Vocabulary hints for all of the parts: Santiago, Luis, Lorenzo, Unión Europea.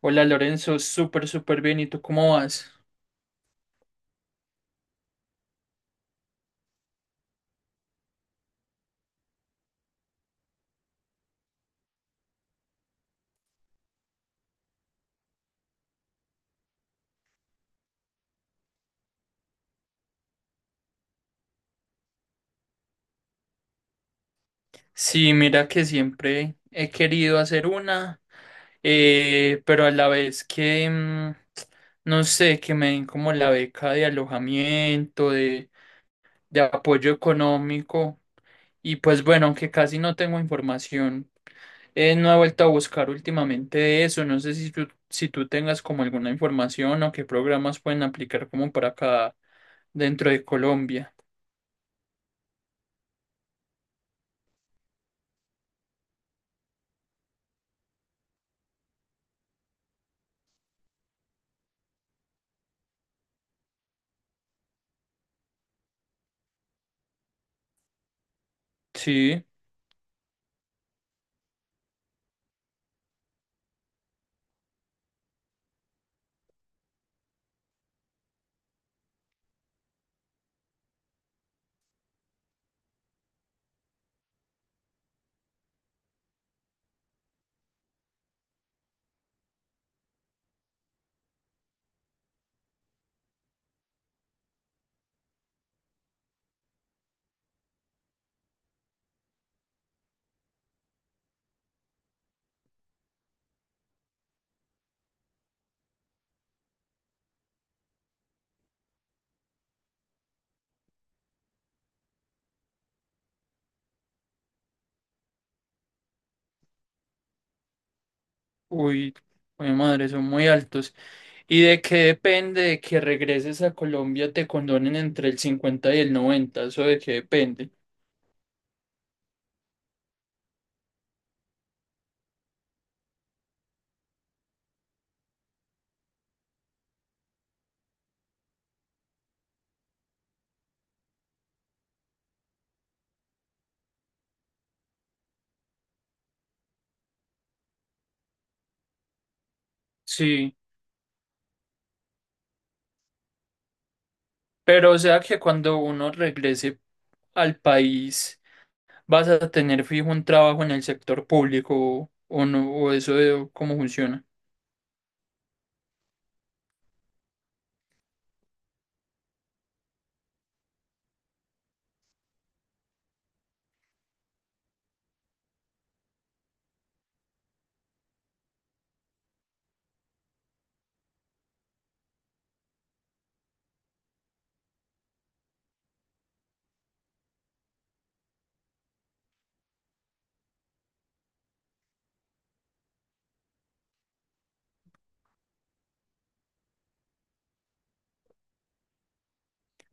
Hola Lorenzo, súper, súper bien. ¿Y tú cómo vas? Sí, mira que siempre he querido hacer una, pero a la vez que, no sé, que me den como la beca de alojamiento, de apoyo económico. Y pues bueno, aunque casi no tengo información, no he vuelto a buscar últimamente de eso. No sé si tú, si tú tengas como alguna información o qué programas pueden aplicar como para acá dentro de Colombia. Sí. Uy, mi madre, son muy altos. ¿Y de qué depende de que regreses a Colombia te condonen entre el 50 y el 90? ¿Eso de qué depende? Sí, pero o sea que cuando uno regrese al país vas a tener fijo un trabajo en el sector público o no, o eso de cómo funciona.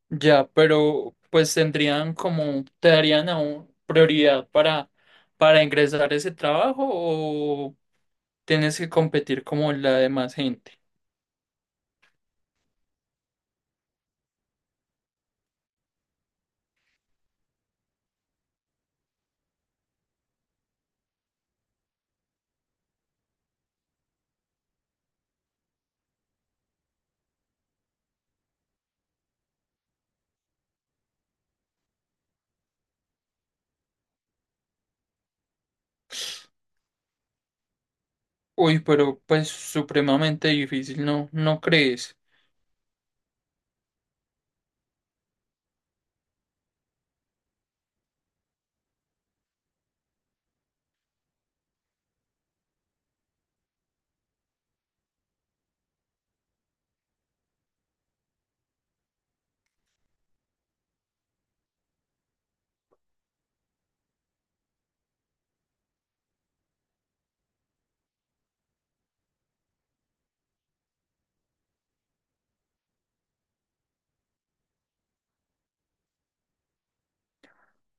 Ya, pero pues tendrían como, te darían aún prioridad para ingresar a ese trabajo o tienes que competir como la demás gente. Uy, pero pues supremamente difícil, ¿no? ¿No crees?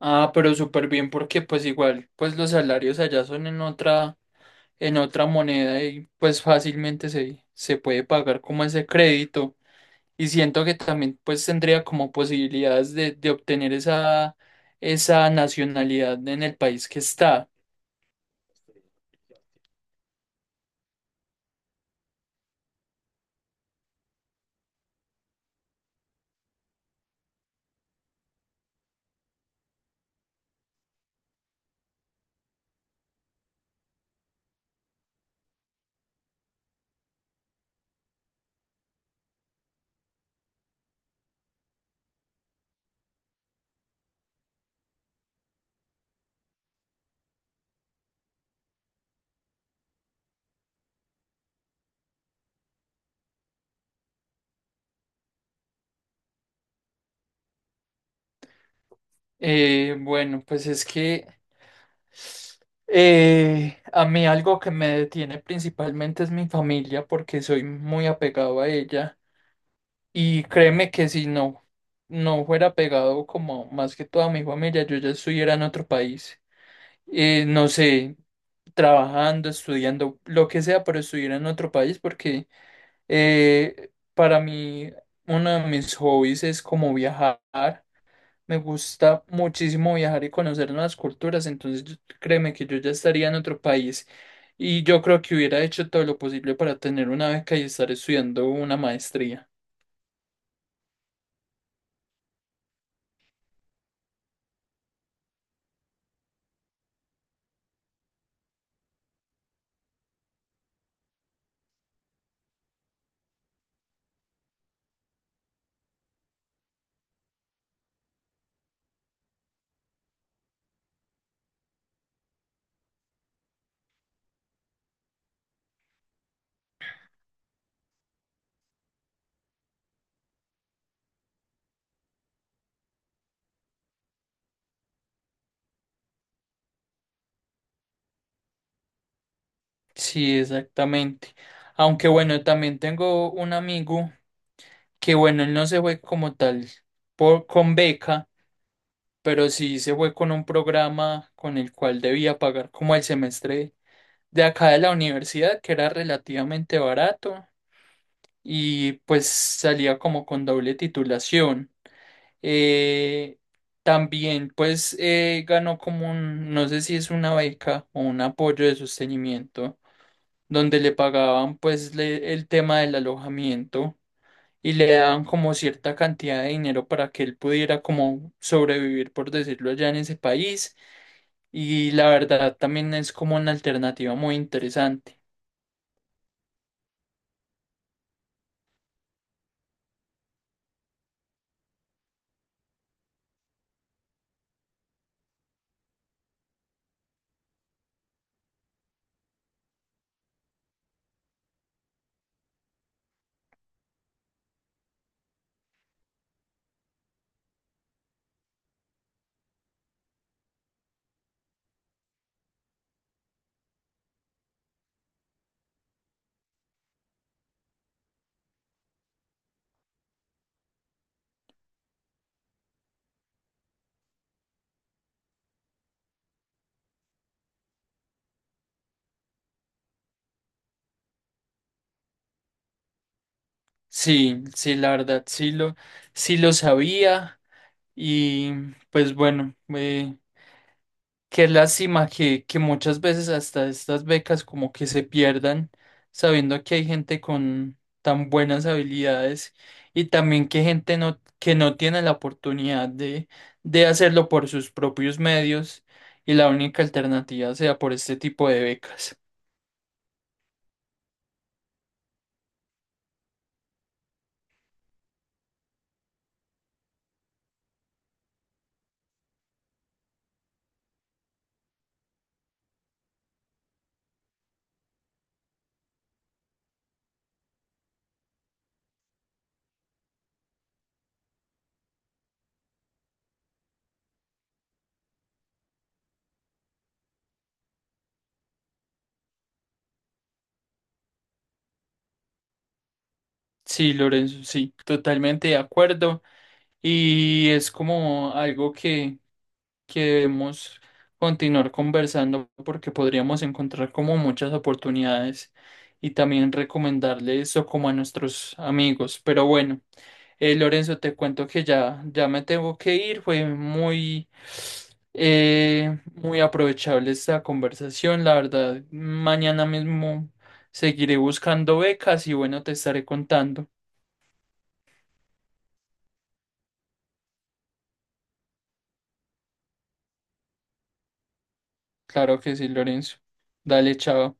Ah, pero súper bien porque pues igual, pues los salarios allá son en otra moneda y pues fácilmente se puede pagar como ese crédito. Y siento que también pues tendría como posibilidades de obtener esa, esa nacionalidad en el país que está. Bueno, pues es que a mí algo que me detiene principalmente es mi familia porque soy muy apegado a ella y créeme que si no, no fuera pegado como más que toda mi familia, yo ya estuviera en otro país. No sé, trabajando, estudiando, lo que sea, pero estudiar en otro país, porque para mí uno de mis hobbies es como viajar. Me gusta muchísimo viajar y conocer nuevas culturas, entonces yo- créeme que yo ya estaría en otro país y yo creo que hubiera hecho todo lo posible para tener una beca y estar estudiando una maestría. Sí, exactamente. Aunque bueno, también tengo un amigo que bueno, él no se fue como tal por, con beca. Pero sí se fue con un programa con el cual debía pagar como el semestre de acá de la universidad, que era relativamente barato y pues salía como con doble titulación. Eh, también pues ganó como un, no sé si es una beca o un apoyo de sostenimiento, donde le pagaban pues le- el tema del alojamiento y le daban como cierta cantidad de dinero para que él pudiera como sobrevivir, por decirlo allá en ese país. Y la verdad también es como una alternativa muy interesante. Sí, sí, la verdad sí lo sabía y pues bueno, qué lástima que muchas veces hasta estas becas como que se pierdan, sabiendo que hay gente con tan buenas habilidades y también que gente no, que no tiene la oportunidad de hacerlo por sus propios medios y la única alternativa sea por este tipo de becas. Sí, Lorenzo, sí, totalmente de acuerdo. Y es como algo que debemos continuar conversando porque podríamos encontrar como muchas oportunidades y también recomendarle eso como a nuestros amigos. Pero bueno, Lorenzo, te cuento que ya, ya me tengo que ir. Fue muy, muy aprovechable esta conversación. La verdad, mañana mismo seguiré buscando becas y bueno, te estaré contando. Claro que sí, Lorenzo. Dale, chao.